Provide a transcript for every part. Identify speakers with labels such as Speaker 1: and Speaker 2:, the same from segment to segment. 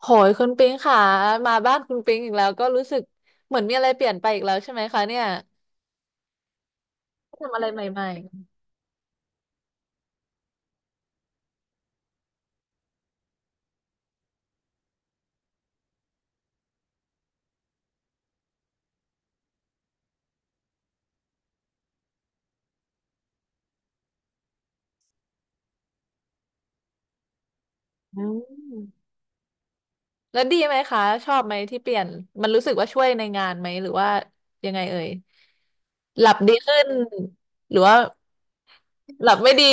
Speaker 1: โหยคุณปิงค่ะมาบ้านคุณปิงอีกแล้วก็รู้สึกเหมือนมีอะไรเปลี่ยนไปอีกแล้วใช่ไหมคะเนี่ยทำอะไรใหม่ๆอืมๆแล้วดีไหมคะชอบไหมที่เปลี่ยนมันรู้สึกว่าช่วยในงานไหมหรือว่ายังไงเอ่ยหลับดีขึ้นหรือว่าหลับไม่ดี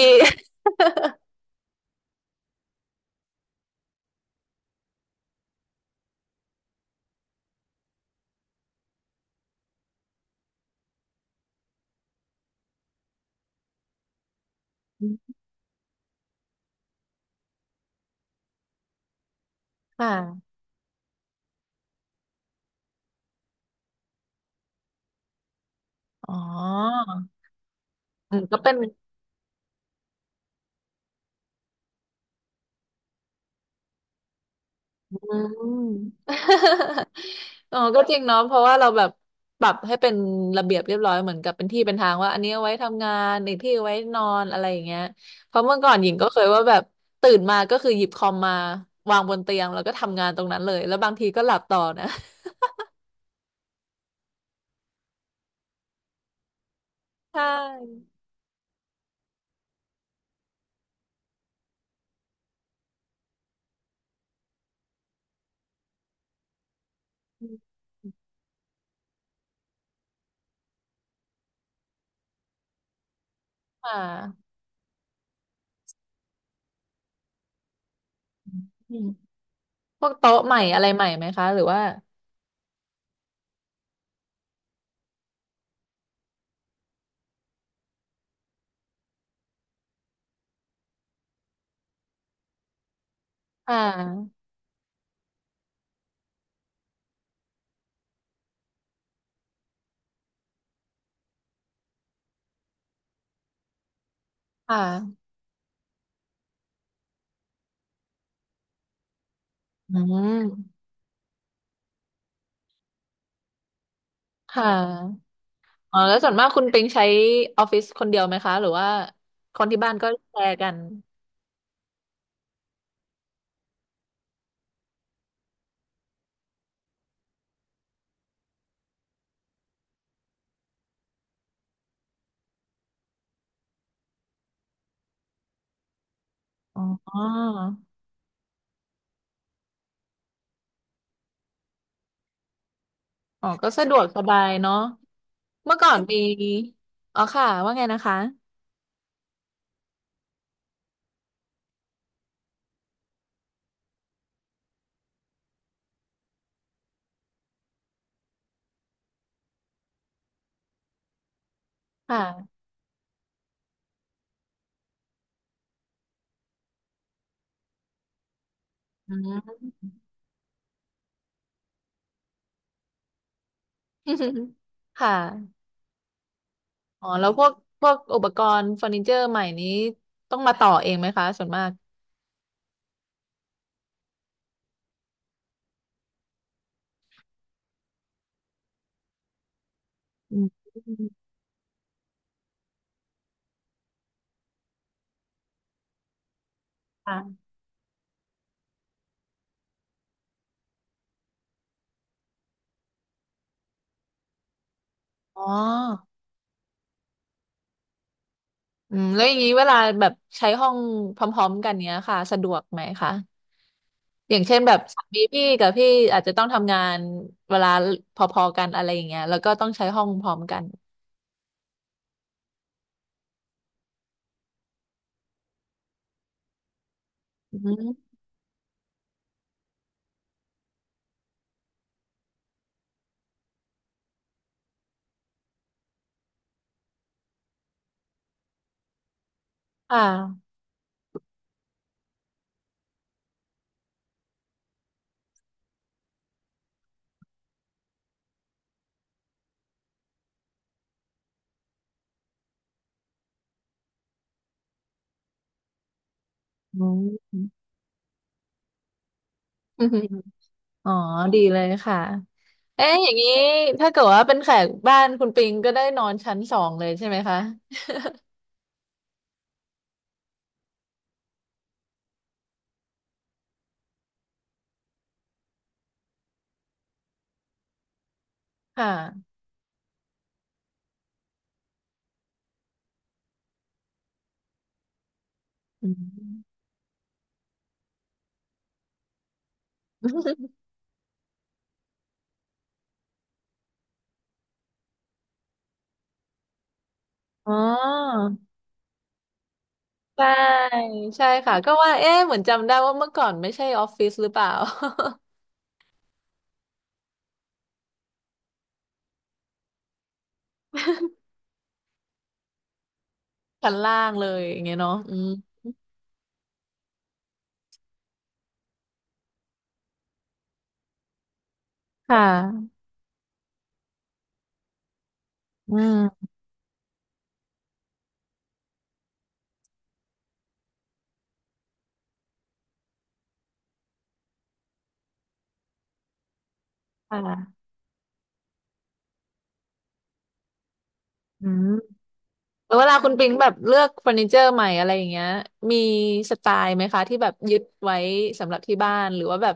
Speaker 1: ค่ะอ๋ออืมก็เป็น อืม อ๋อก็จริงเนาะเพราะว่าเราแบบปรับให้เป็นระเบียบเรียบร้อยเหมือนกับเป็นที่เป็นทางว่าอันนี้เอาไว้ทำงานอีกที่เอาไว้นอนอะไรอย่างเงี้ยเพราะเมื่อก่อนหญิงก็เคยว่าแบบตื่นมาก็คือหยิบคอมมาวางบนเตียงแล้วก็ทำงานตรงนั้นเลยแล้วบางทีก็หลับต่อนะ ใช่ค่ะอืมพวกโต๊ะใหม่อะไรใหม่ไหมคะหรือว่าค่ะค่ะอืมค่ะ อ๋อแล้วส่วนมากคุณปิงใช้ออฟฟิศคนเดียวไหมคะหรือว่าคนที่บ้านก็แชร์กันอ๋ออ๋อก็สะดวกสบายเนาะเมื่อก่อนมีอ๋อค่ะว่าไงนะคะค่ะอืม ค่ะอ๋อแล้วพวกอุปกรณ์เฟอร์นิเจอร์ใหม่นี้ต้องมาต่อเองไหมคะส่วนมากอืมค่ะอ๋ออืมแล้วอย่างนี้เวลาแบบใช้ห้องพร้อมๆกันเนี้ยค่ะสะดวกไหมคะ อย่างเช่นแบบสามีพี่กับพี่อาจจะต้องทำงานเวลาพอๆกันอะไรอย่างเงี้ยแล้วก็ต้องใช้ห้องพร้อมกันอืมค่ะอืมอืมอ๋อดีเลยค่ะเอ๊ะอย่างนี้ถ้าเกิดว่าเป็นแขกบ้านคุณปิงก็ได้นอนชั้นสองเลยใช่ไหมคะค่ะอืมอ๋อใช่ใช่ค่ะก็ว่าเอ๊ะเหมือนจำได้ว่าเมื่อก่อนไม่ใช่ออฟฟิศหรือเปล่า ชั้นล่างเลยอย่างเงี้ยเนาะอืมค่ะอืมค่ะ อืมแล้วเวลาคุณปิงแบบเลือกเฟอร์นิเจอร์ใหม่อะไรอย่างเงี้ยมีสไตล์ไหมคะที่แบบยึดไว้สำหรับที่บ้านหรือว่าแบบ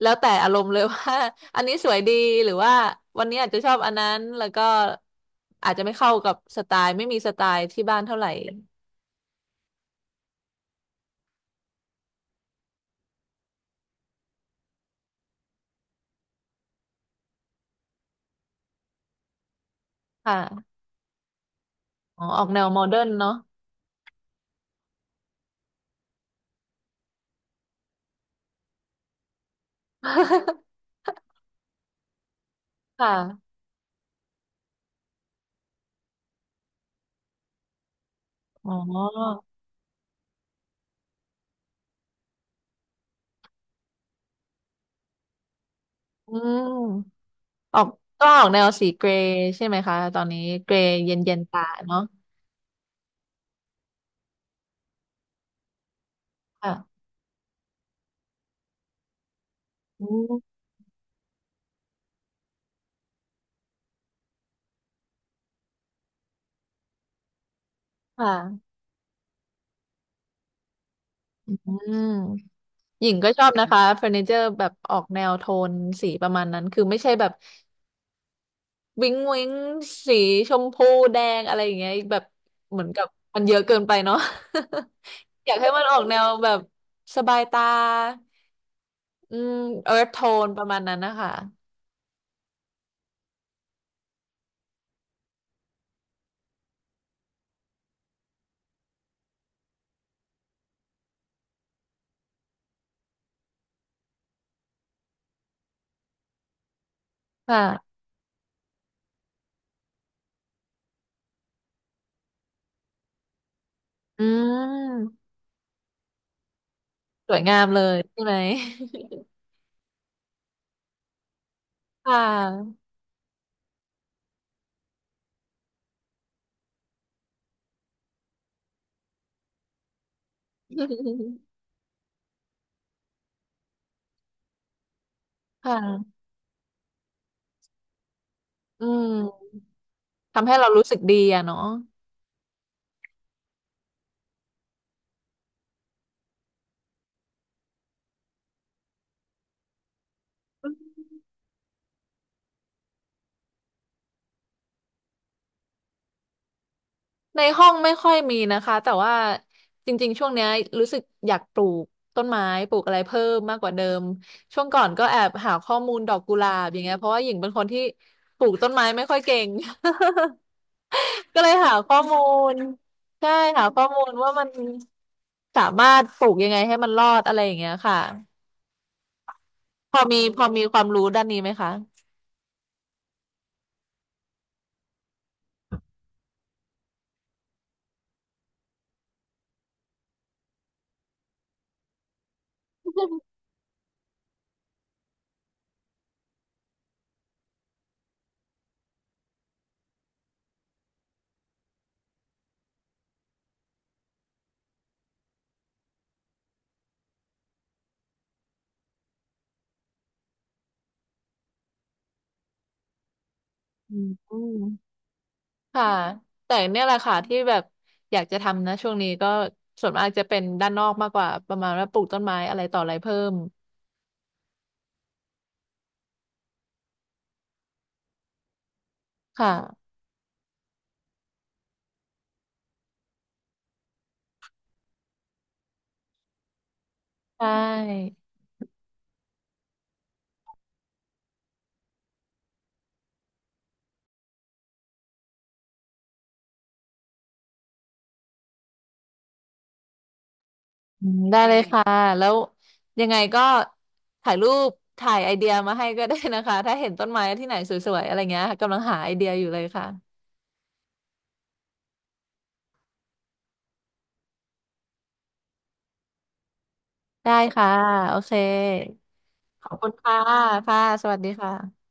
Speaker 1: แล้วแต่อารมณ์เลยว่า อันนี้สวยดีหรือว่าวันนี้อาจจะชอบอันนั้นแล้วก็อาจจะไม่เข้ากับสไตล์ไม่มีสไตล์ที่บ้านเท่าไหร่ค่ะอ๋อออกแนวโมเดิร์นเนาะ ค่ะอ๋ออืมออกก็ออกแนวสีเกรย์ใช่ไหมคะตอนนี้เกรย์เย็นๆตาเนาะค่ะอืมค่ะ อืมหญิงก็ชอบนะคะเฟอร์นิเจอร์แบบออกแนวโทนสีประมาณนั้นคือไม่ใช่แบบวิ้งวิ้งสีชมพูแดงอะไรอย่างเงี้ยแบบเหมือนกับมันเยอะเกินไปเนาะ อยากให้มันออกแนวแบบสบายตาอืมเอิร์ธโทนประมาณนั้นนะคะค่ะอืมสวยงามเลยใช่ไหม ค่ะ ค่ะอืมทำให้เรารู้สึกดีอะเนาะ ในห้องไม่ค่อยมีนะคะแต่ว่าจริงๆช่วงเนี้ยรู้สึกอยากปลูกต้นไม้ปลูกอะไรเพิ่มมากกว่าเดิมช่วงก่อนก็แอบหาข้อมูลดอกกุหลาบอย่างเงี้ยเพราะว่าหญิงเป็นคนที่ปลูกต้นไม้ไม่ค่อยเก่ง ก็เลยหาข้อมูลใช่หาข้อมูลว่ามันสามารถปลูกยังไงให้มันรอดอะไรอย่างเงี้ยค่ะพอมีความรู้ด้านนี้ไหมคะอืม ค่ะแต่เนี่ยแหละค่ะที่แบบอยากจะทำนะช่วงนี้ก็ส่วนมากจะเป็นด้านนอกมากกว่าประมาณว่าปลูกต้นไม้อะไรต่ออะไรเพิ่มค่ะใช่อืมได้เลยค่ะแล้วยังไงก็ถ่ายรูปถ่ายไอเดียมาให้ก็ได้นะคะ ถ้าเห็นต้นไม้ที่ไหนสวยๆอะไรเงี้ยกำลังหาไอเดียอยู่เลยค่ะได้ค่ะโอเคขอบคุณค่ะค่ะสวัสดีค่ะ